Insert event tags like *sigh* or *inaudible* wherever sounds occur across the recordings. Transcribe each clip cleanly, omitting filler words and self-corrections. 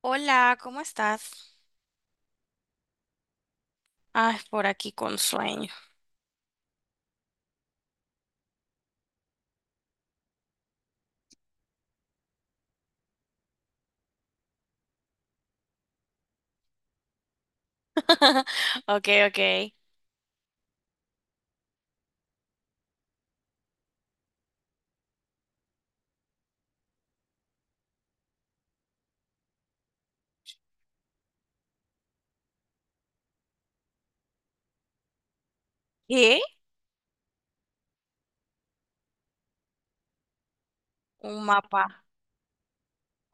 Hola, ¿cómo estás? Ay, por aquí con sueño. *laughs* Ok, ok. ¿Qué? Un mapa.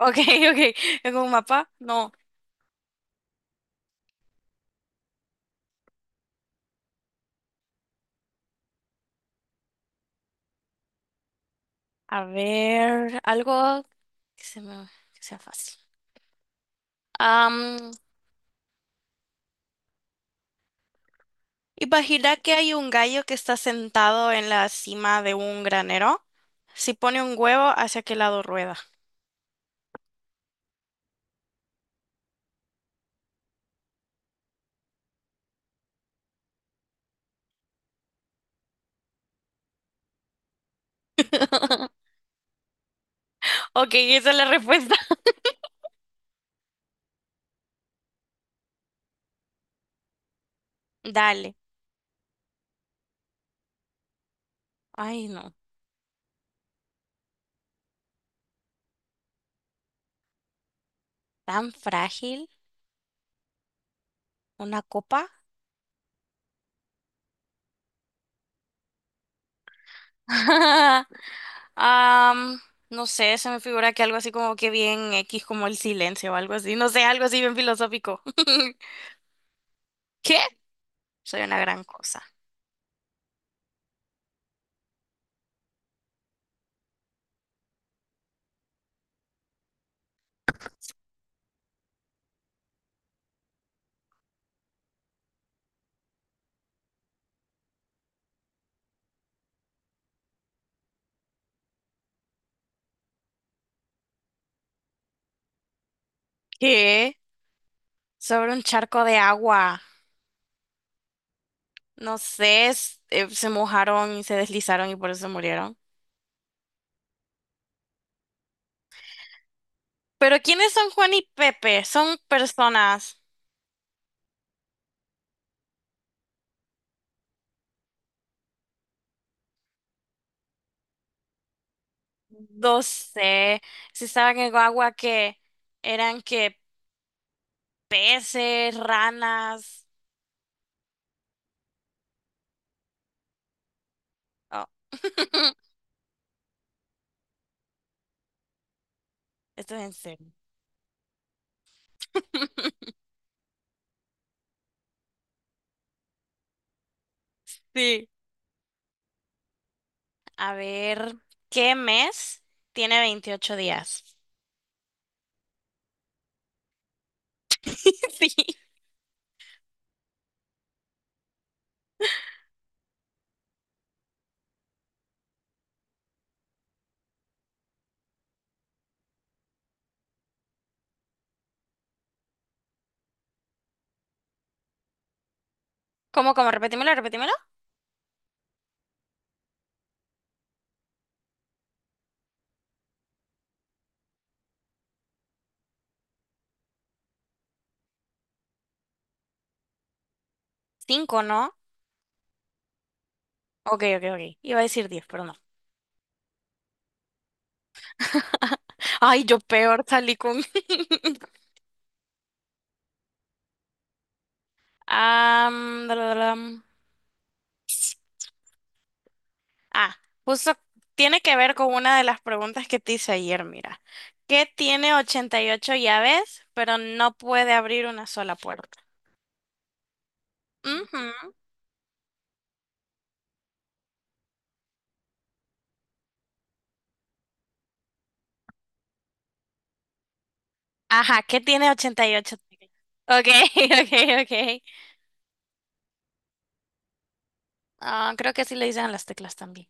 Ok, *laughs* ok. ¿Tengo un mapa? No. A ver, algo que se me, que sea fácil. Am, Imagina que hay un gallo que está sentado en la cima de un granero. Si pone un huevo, ¿hacia qué lado rueda? *laughs* Ok, esa es la respuesta. *laughs* Dale. Ay, no. ¿Tan frágil? ¿Una copa? *laughs* Am, no sé, se me figura que algo así como que bien X, como el silencio o algo así. No sé, algo así bien filosófico. *laughs* ¿Qué? Soy una gran cosa. ¿Qué? Sobre un charco de agua. No sé, se mojaron y se deslizaron y por eso murieron. Pero ¿quiénes son Juan y Pepe? Son personas. No sé. Si estaban en agua que eran que peces, ranas. Oh. *laughs* Esto es en serio. *laughs* Sí. A ver, ¿qué mes tiene 28 días? *laughs* Sí. ¿Cómo, cómo? Repetímelo, repetímelo. Cinco, ¿no? Ok, ok, ok. Iba a decir 10, pero no. *laughs* Ay, yo peor salí con... *laughs* Am, dalalam. ah, Justo tiene que ver con una de las preguntas que te hice ayer, mira. ¿Qué tiene 88 llaves, pero no puede abrir una sola puerta? Ujú. Ajá, ¿qué tiene ochenta y ocho? Ok, *laughs* ok, ok. Ah, creo que así le dicen a las teclas también.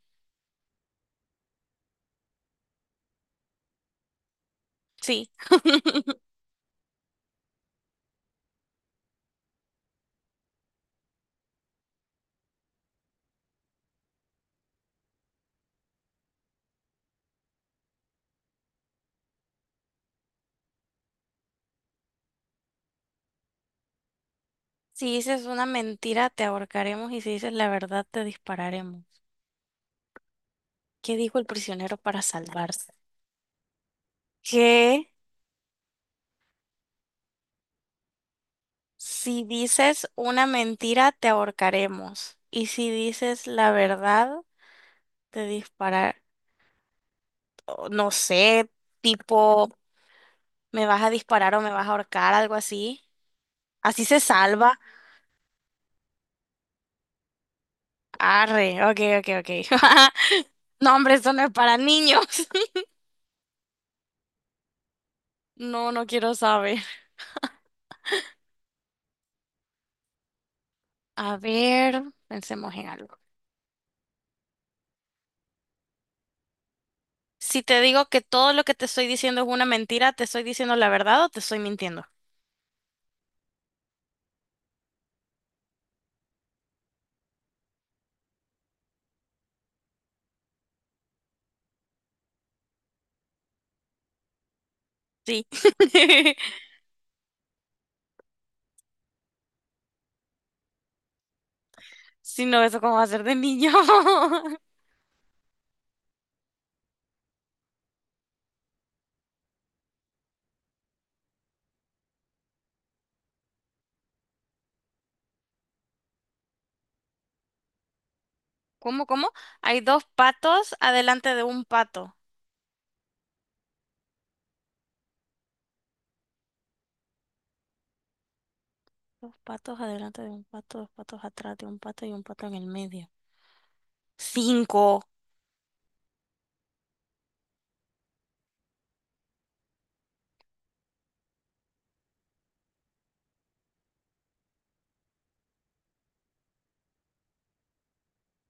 Sí. *laughs* Si dices una mentira, te ahorcaremos y si dices la verdad, te dispararemos. ¿Qué dijo el prisionero para salvarse? Que si dices una mentira, te ahorcaremos. Y si dices la verdad, te disparar. O No sé, tipo, me vas a disparar o me vas a ahorcar, algo así. Así se salva. Arre, ok, ok, ok. *laughs* No, hombre, esto no es para niños. *laughs* No, no quiero saber. A ver, pensemos en algo. Si te digo que todo lo que te estoy diciendo es una mentira, ¿te estoy diciendo la verdad o te estoy mintiendo? Sí. *laughs* Si no, eso cómo va a ser de niño. *laughs* ¿Cómo, cómo? Hay dos patos adelante de un pato. Dos patos adelante de un pato, dos patos atrás de un pato y un pato en el medio. Cinco.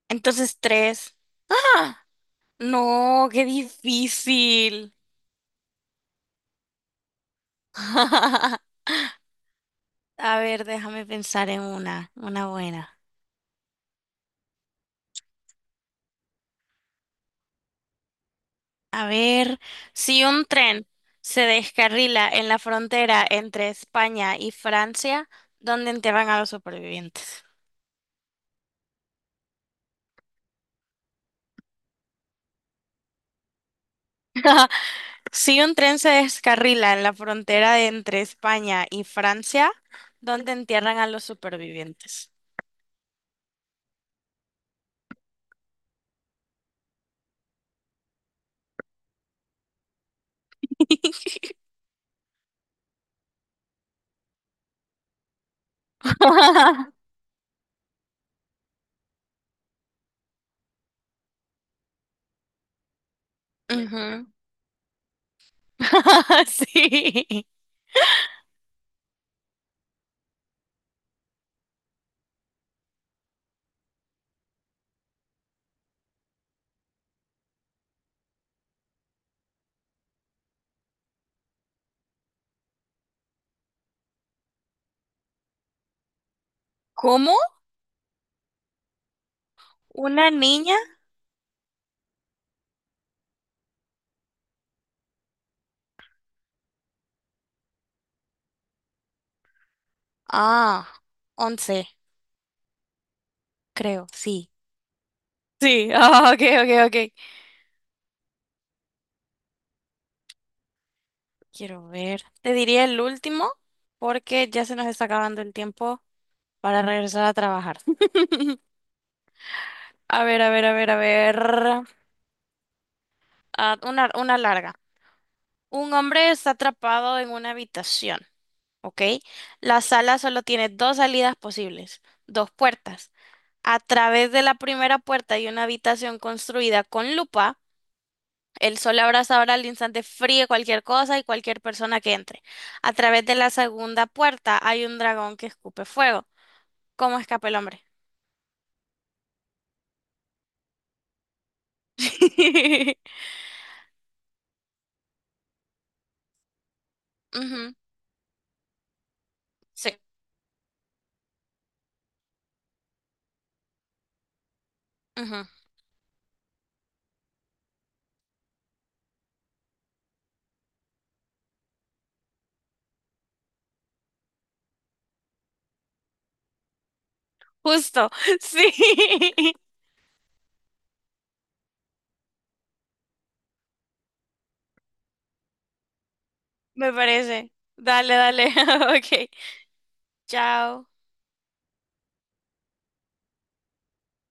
Entonces tres. ¡Ah! No, qué difícil. *laughs* A ver, déjame pensar en una buena. A ver, si un tren se descarrila en la frontera entre España y Francia, ¿dónde enterran a los supervivientes? Si un tren se descarrila en la frontera de entre España y Francia, ¿dónde entierran a los supervivientes? *laughs* Ujú. *laughs* Sí. ¿Cómo? ¿Una niña? Ah, 11, creo, sí. Sí, *laughs* ah, ok, ok, ok. Quiero ver. Te diría el último porque ya se nos está acabando el tiempo para regresar a trabajar. *laughs* A ver, a ver, a ver, a ver. Ah, una larga. Un hombre está atrapado en una habitación, ¿ok? La sala solo tiene dos salidas posibles, dos puertas. A través de la primera puerta hay una habitación construida con lupa. El sol abrasador al instante fríe cualquier cosa y cualquier persona que entre. A través de la segunda puerta hay un dragón que escupe fuego. ¿Cómo escapa el hombre? *laughs* Ujú, sí, ujú. Justo, *laughs* sí, me parece. Dale, dale, *laughs* ok, chao.